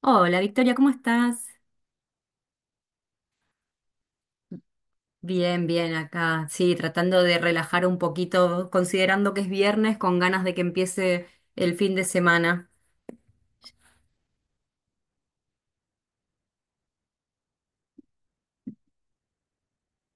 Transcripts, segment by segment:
Hola Victoria, ¿cómo estás? Bien, bien acá. Sí, tratando de relajar un poquito, considerando que es viernes, con ganas de que empiece el fin de semana.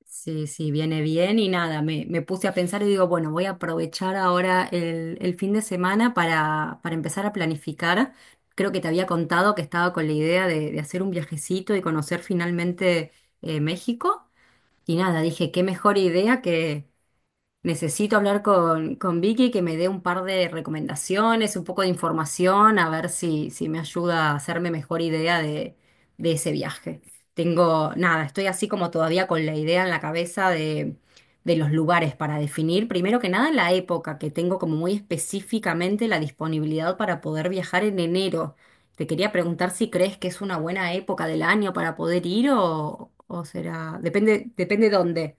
Sí, sí, viene bien y nada, me puse a pensar y digo, bueno, voy a aprovechar ahora el fin de semana para empezar a planificar. Creo que te había contado que estaba con la idea de hacer un viajecito y conocer finalmente México. Y nada, dije, qué mejor idea que necesito hablar con Vicky que me dé un par de recomendaciones, un poco de información, a ver si me ayuda a hacerme mejor idea de ese viaje. Tengo, nada, estoy así como todavía con la idea en la cabeza de los lugares para definir, primero que nada la época, que tengo como muy específicamente la disponibilidad para poder viajar en enero. Te quería preguntar si crees que es una buena época del año para poder ir o será, depende dónde.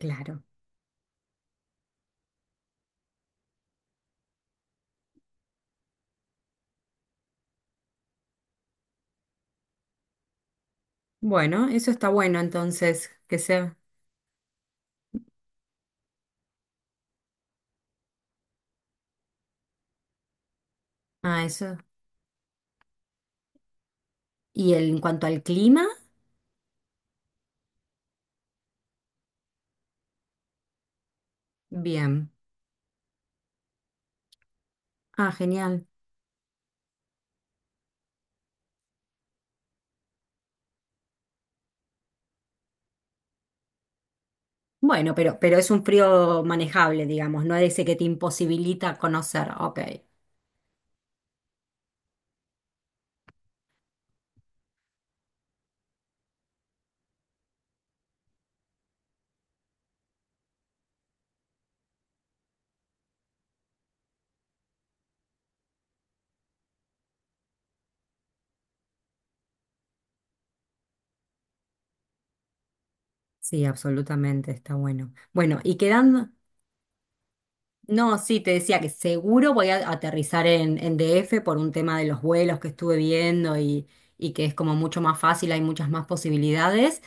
Claro. Bueno, eso está bueno entonces, que sea. Ah, eso. Y el- en cuanto al clima, bien. Ah, genial. Bueno, pero es un frío manejable, digamos, no es ese que te imposibilita conocer. Ok. Sí, absolutamente, está bueno. Bueno, y quedando. No, sí, te decía que seguro voy a aterrizar en DF por un tema de los vuelos que estuve viendo y que es como mucho más fácil, hay muchas más posibilidades.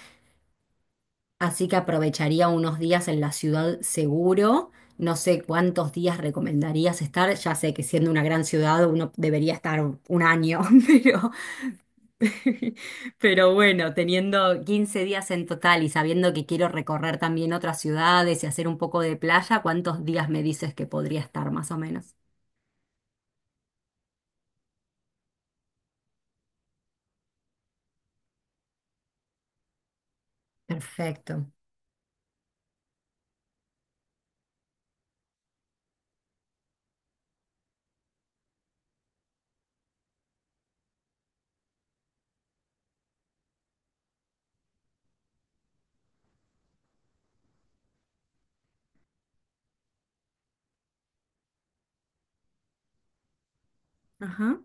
Así que aprovecharía unos días en la ciudad seguro. No sé cuántos días recomendarías estar. Ya sé que siendo una gran ciudad uno debería estar un año, pero, pero bueno, teniendo 15 días en total y sabiendo que quiero recorrer también otras ciudades y hacer un poco de playa, ¿cuántos días me dices que podría estar más o menos? Perfecto. Ajá.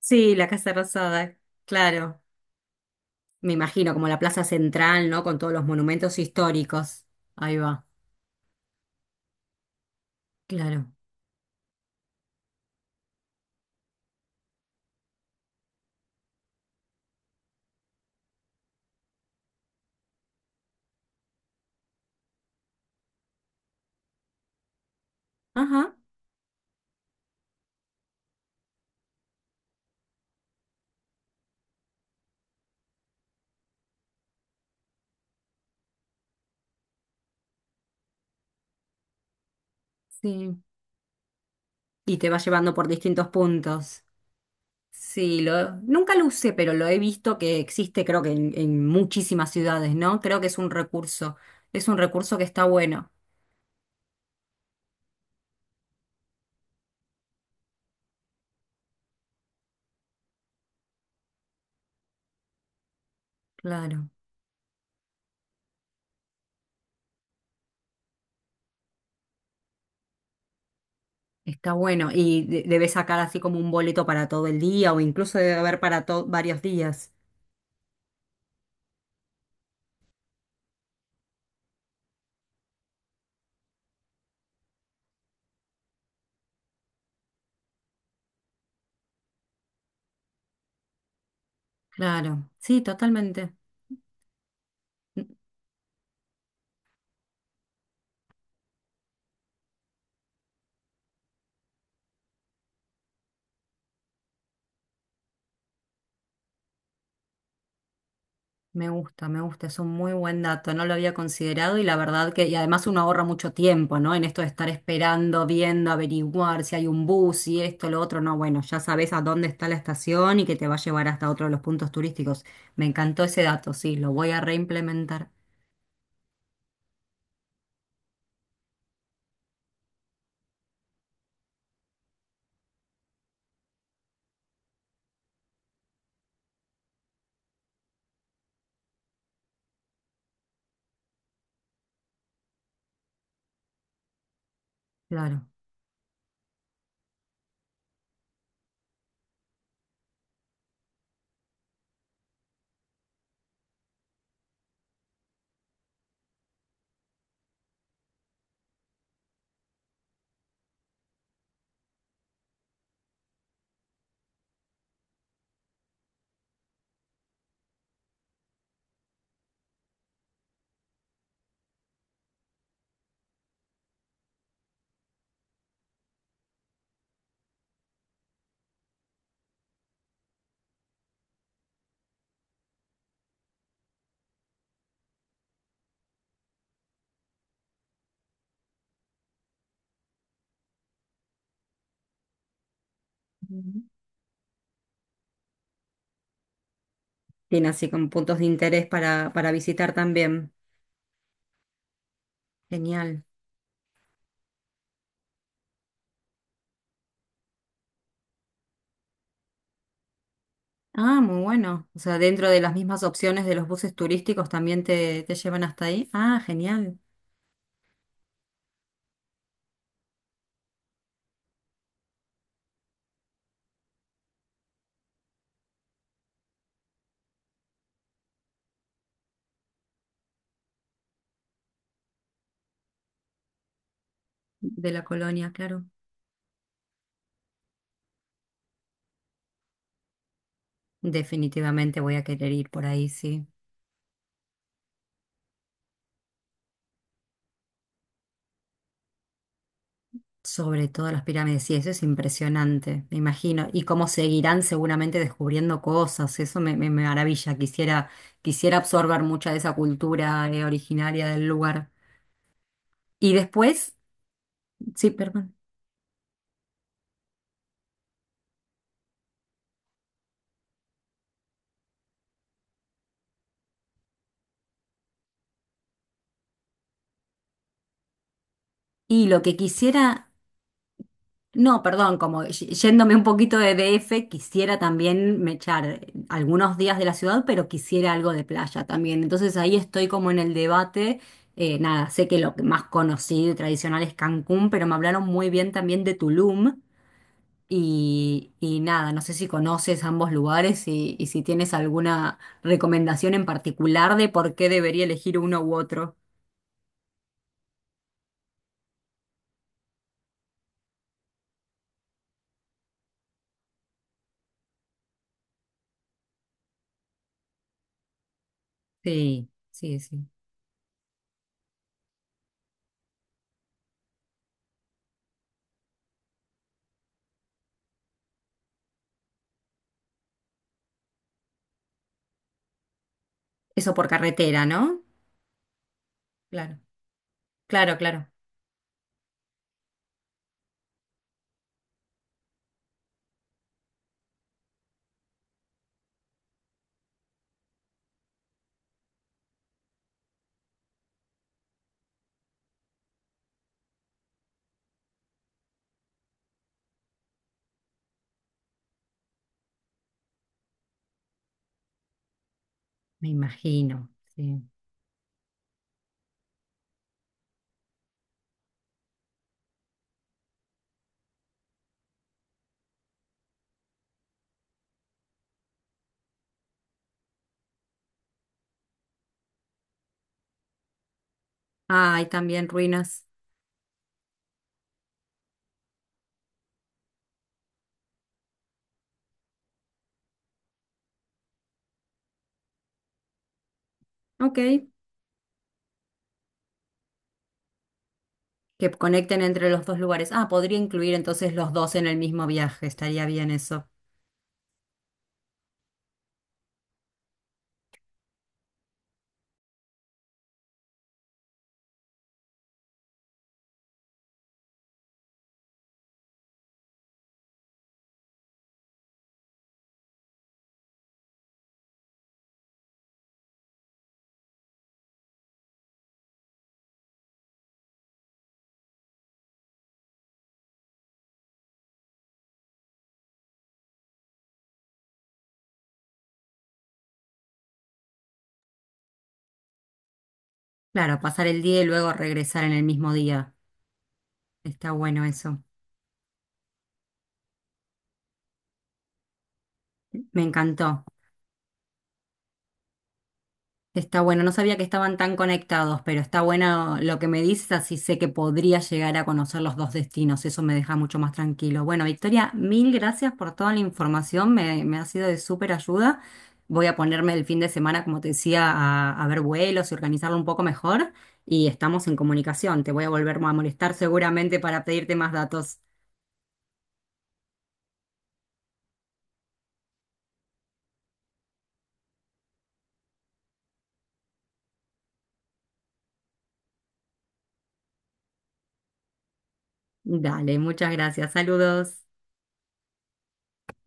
Sí, la Casa Rosada, claro. Me imagino como la plaza central, ¿no? Con todos los monumentos históricos. Ahí va. Claro. Ajá, sí. Y te va llevando por distintos puntos. Sí, lo, nunca lo usé, pero lo he visto que existe, creo que en muchísimas ciudades, ¿no? Creo que es un recurso. Es un recurso que está bueno. Claro, está bueno. Y de- debes sacar así como un boleto para todo el día o incluso debe haber para to- varios días. Claro, sí, totalmente. Me gusta, es un muy buen dato, no lo había considerado y la verdad que, y además uno ahorra mucho tiempo, ¿no? En esto de estar esperando, viendo, averiguar si hay un bus si esto, lo otro, no, bueno, ya sabes a dónde está la estación y que te va a llevar hasta otro de los puntos turísticos. Me encantó ese dato, sí, lo voy a reimplementar, claro. Ujú. Tiene así como puntos de interés para visitar también. Genial. Ah, muy bueno. O sea, dentro de las mismas opciones de los buses turísticos también te llevan hasta ahí. Ah, genial. De la colonia, claro. Definitivamente voy a querer ir por ahí, sí. Sobre todo las pirámides, sí, eso es impresionante, me imagino. Y cómo seguirán seguramente descubriendo cosas, eso me, me- me maravilla. Quisiera, quisiera absorber mucha de esa cultura, originaria del lugar. Y después, sí, perdón. Y lo que quisiera no, perdón, como y- yéndome un poquito de DF, quisiera también me echar algunos días de la ciudad, pero quisiera algo de playa también. Entonces ahí estoy como en el debate. Nada, sé que lo que más conocido y tradicional es Cancún, pero me hablaron muy bien también de Tulum. Y nada, no sé si conoces ambos lugares y si tienes alguna recomendación en particular de por qué debería elegir uno u otro. Sí, sí, sí. Eso por carretera, ¿no? Claro, claro, claro. Me imagino, sí. Ah, hay también ruinas. Ok, que conecten entre los dos lugares. Ah, podría incluir entonces los dos en el mismo viaje, estaría bien eso. Claro, pasar el día y luego regresar en el mismo día. Está bueno eso. Me encantó. Está bueno, no sabía que estaban tan conectados, pero está bueno lo que me dices, así sé que podría llegar a conocer los dos destinos, eso me deja mucho más tranquilo. Bueno, Victoria, mil gracias por toda la información, me ha sido de súper ayuda. Voy a ponerme el fin de semana, como te decía, a ver vuelos y organizarlo un poco mejor y estamos en comunicación, te voy a volver a molestar seguramente para pedirte más datos. Dale, muchas gracias, saludos.